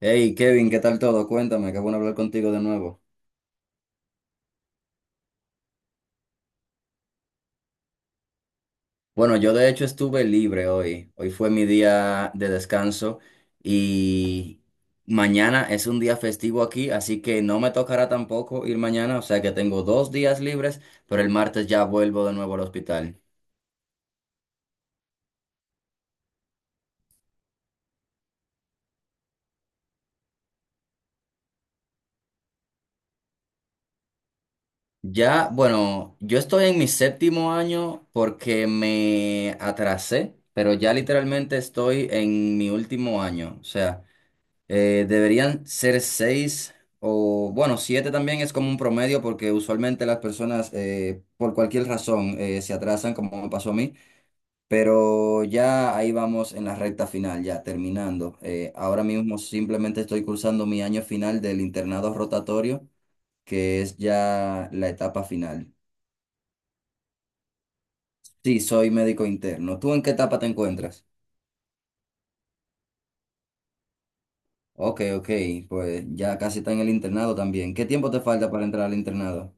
Hey Kevin, ¿qué tal todo? Cuéntame, qué bueno hablar contigo de nuevo. Bueno, yo de hecho estuve libre hoy. Hoy fue mi día de descanso y mañana es un día festivo aquí, así que no me tocará tampoco ir mañana, o sea que tengo dos días libres, pero el martes ya vuelvo de nuevo al hospital. Ya, bueno, yo estoy en mi séptimo año porque me atrasé, pero ya literalmente estoy en mi último año, o sea. Deberían ser seis o, bueno, siete también es como un promedio porque usualmente las personas por cualquier razón se atrasan, como me pasó a mí, pero ya ahí vamos en la recta final, ya terminando. Ahora mismo simplemente estoy cursando mi año final del internado rotatorio, que es ya la etapa final. Sí, soy médico interno. ¿Tú en qué etapa te encuentras? Ok, ok, pues ya casi está en el internado también. ¿Qué tiempo te falta para entrar al internado?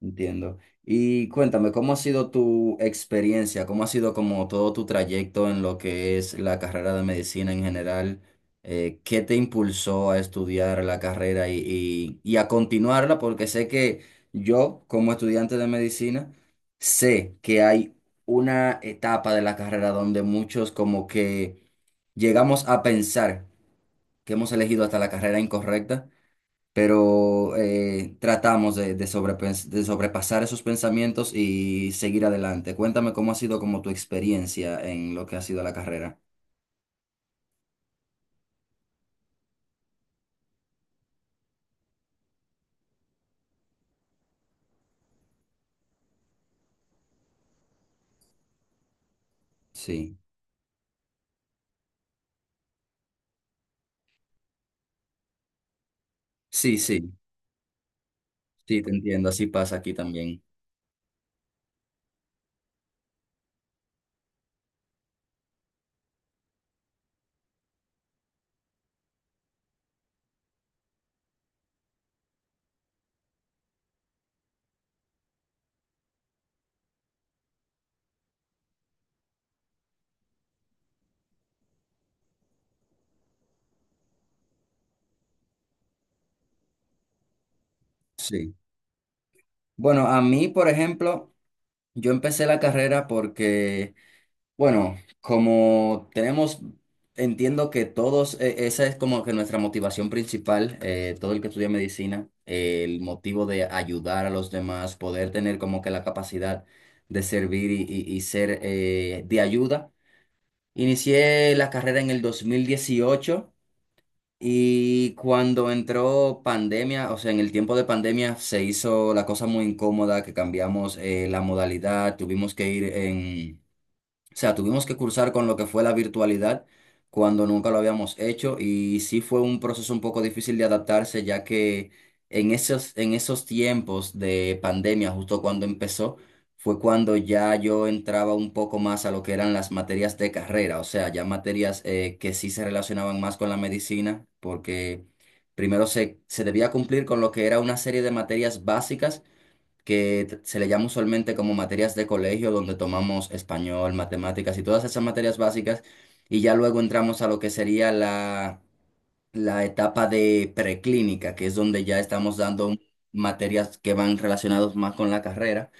Entiendo. Y cuéntame, ¿cómo ha sido tu experiencia? ¿Cómo ha sido como todo tu trayecto en lo que es la carrera de medicina en general? ¿Qué te impulsó a estudiar la carrera y, y a continuarla? Porque sé que yo, como estudiante de medicina, sé que hay una etapa de la carrera donde muchos como que llegamos a pensar que hemos elegido hasta la carrera incorrecta pero tratamos de de sobrepasar esos pensamientos y seguir adelante. Cuéntame cómo ha sido como tu experiencia en lo que ha sido la carrera. Sí, sí, sí, sí, te entiendo, así pasa aquí también. Sí. Bueno, a mí, por ejemplo, yo empecé la carrera porque... Bueno, como tenemos, entiendo que todos, esa es como que nuestra motivación principal, todo el que estudia medicina, el motivo de ayudar a los demás, poder tener como que la capacidad de servir y, y ser de ayuda. Inicié la carrera en el 2018 y cuando entró pandemia, o sea, en el tiempo de pandemia se hizo la cosa muy incómoda, que cambiamos la modalidad, tuvimos que ir en... O sea, tuvimos que cursar con lo que fue la virtualidad cuando nunca lo habíamos hecho y sí fue un proceso un poco difícil de adaptarse ya que en esos tiempos de pandemia, justo cuando empezó, fue cuando ya yo entraba un poco más a lo que eran las materias de carrera, o sea, ya materias que sí se relacionaban más con la medicina porque se debía cumplir con lo que era una serie de materias básicas que se le llama usualmente como materias de colegio, donde tomamos español, matemáticas y todas esas materias básicas, y ya luego entramos a lo que sería la, la etapa de preclínica, que es donde ya estamos dando materias que van relacionadas más con la carrera.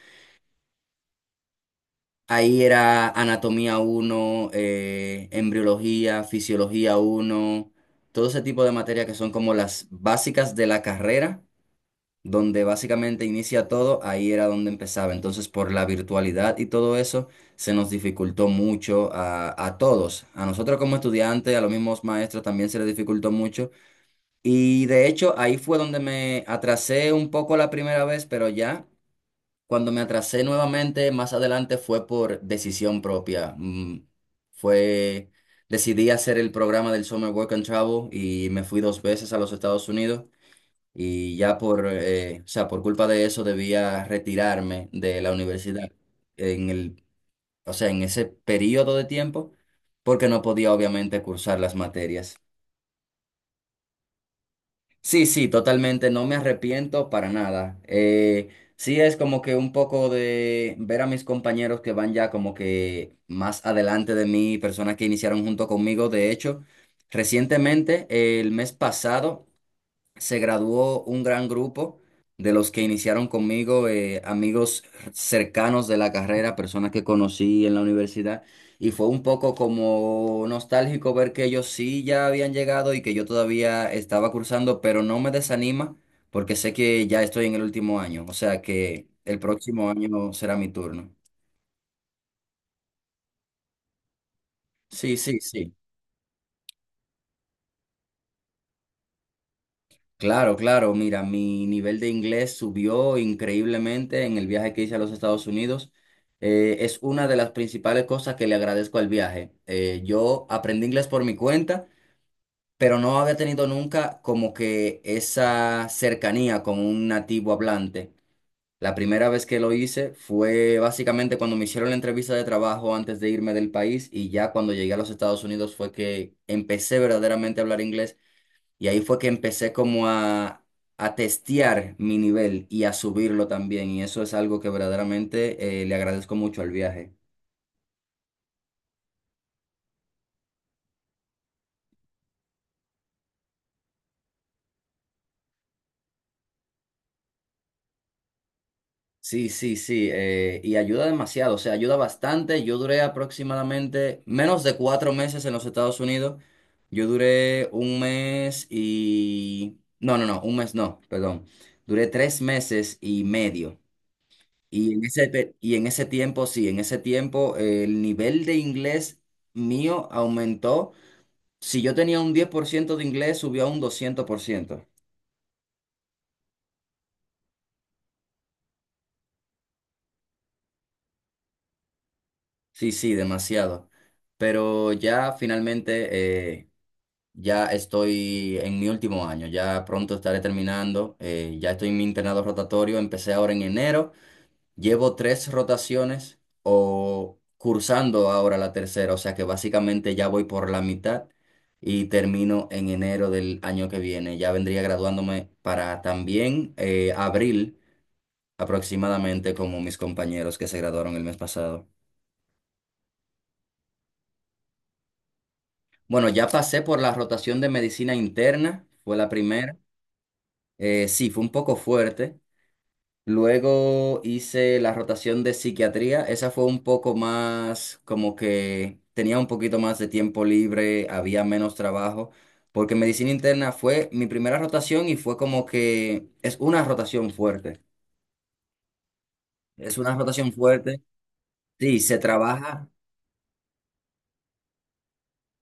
Ahí era anatomía uno embriología, fisiología uno todo ese tipo de materias que son como las básicas de la carrera donde básicamente inicia todo, ahí era donde empezaba. Entonces, por la virtualidad y todo eso, se nos dificultó mucho a todos. A nosotros como estudiantes, a los mismos maestros también se les dificultó mucho. Y de hecho, ahí fue donde me atrasé un poco la primera vez, pero ya cuando me atrasé nuevamente, más adelante fue por decisión propia. Fue... Decidí hacer el programa del Summer Work and Travel y me fui dos veces a los Estados Unidos y ya por, o sea, por culpa de eso debía retirarme de la universidad en el, o sea, en ese periodo de tiempo, porque no podía obviamente cursar las materias. Sí, sí, totalmente, no me arrepiento para nada. Sí es como que un poco de ver a mis compañeros que van ya como que más adelante de mí, personas que iniciaron junto conmigo, de hecho. Recientemente, el mes pasado, se graduó un gran grupo de los que iniciaron conmigo, amigos cercanos de la carrera, personas que conocí en la universidad, y fue un poco como nostálgico ver que ellos sí ya habían llegado y que yo todavía estaba cursando, pero no me desanima porque sé que ya estoy en el último año, o sea que el próximo año será mi turno. Sí, sí, sí. Claro, claro, mira, mi nivel de inglés subió increíblemente en el viaje que hice a los Estados Unidos. Es una de las principales cosas que le agradezco al viaje. Yo aprendí inglés por mi cuenta, pero no había tenido nunca como que esa cercanía con un nativo hablante. La primera vez que lo hice fue básicamente cuando me hicieron la entrevista de trabajo antes de irme del país y ya cuando llegué a los Estados Unidos fue que empecé verdaderamente a hablar inglés y ahí fue que empecé como a testear mi nivel y a subirlo también. Y eso es algo que verdaderamente le agradezco mucho al viaje. Sí, sí, sí. Y ayuda demasiado, o sea, ayuda bastante. Yo duré aproximadamente menos de cuatro meses en los Estados Unidos. Yo duré un mes y... No, no, no, un mes no, perdón. Duré tres meses y medio. Y en ese, y en ese tiempo, sí, en ese tiempo el nivel de inglés mío aumentó. Si yo tenía un 10 por ciento de inglés, subió a un 200 por ciento. Sí, sí, demasiado. Pero ya finalmente, eh, ya estoy en mi último año, ya pronto estaré terminando, ya estoy en mi internado rotatorio, empecé ahora en enero, llevo tres rotaciones o cursando ahora la tercera, o sea que básicamente ya voy por la mitad y termino en enero del año que viene, ya vendría graduándome para también abril. Aproximadamente como mis compañeros que se graduaron el mes pasado. Bueno, ya pasé por la rotación de medicina interna, fue la primera. Sí, fue un poco fuerte. Luego hice la rotación de psiquiatría, esa fue un poco más como que tenía un poquito más de tiempo libre, había menos trabajo, porque medicina interna fue mi primera rotación y fue como que es una rotación fuerte. Es una rotación fuerte. Sí, se trabaja.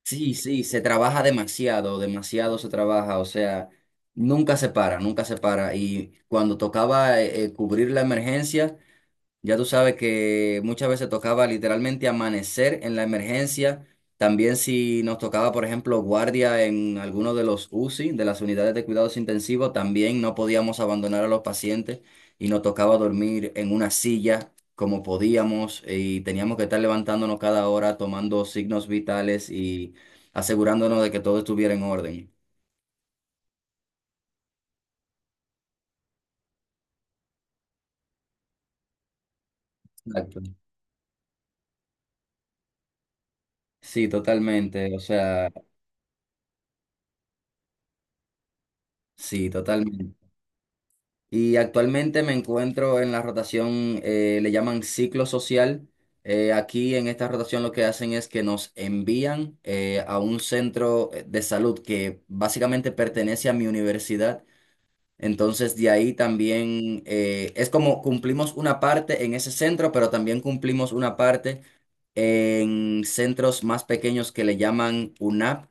Sí, sí, se trabaja demasiado, demasiado se trabaja, o sea, nunca se para, nunca se para. Y cuando tocaba cubrir la emergencia, ya tú sabes que muchas veces tocaba literalmente amanecer en la emergencia. También si nos tocaba, por ejemplo, guardia en alguno de los UCI, de las unidades de cuidados intensivos, también no podíamos abandonar a los pacientes y nos tocaba dormir en una silla como podíamos y teníamos que estar levantándonos cada hora, tomando signos vitales y asegurándonos de que todo estuviera en orden. Exacto. Sí, totalmente. O sea, sí, totalmente. Y actualmente me encuentro en la rotación, le llaman ciclo social. Aquí en esta rotación lo que hacen es que nos envían a un centro de salud que básicamente pertenece a mi universidad. Entonces de ahí también es como cumplimos una parte en ese centro, pero también cumplimos una parte en centros más pequeños que le llaman UNAP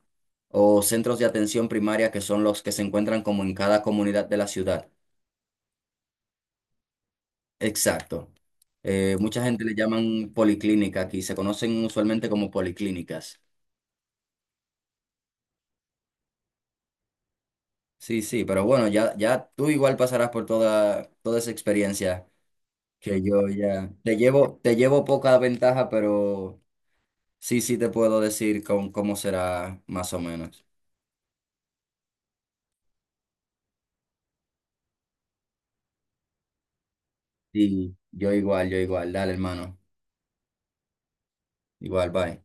o centros de atención primaria que son los que se encuentran como en cada comunidad de la ciudad. Exacto. Mucha gente le llaman policlínica aquí, se conocen usualmente como policlínicas. Sí, sí, pero bueno, ya, ya tú igual pasarás por toda, toda esa experiencia que yo ya te llevo poca ventaja, pero sí, sí te puedo decir con, cómo será más o menos. Sí, yo igual, yo igual. Dale, hermano. Igual, bye.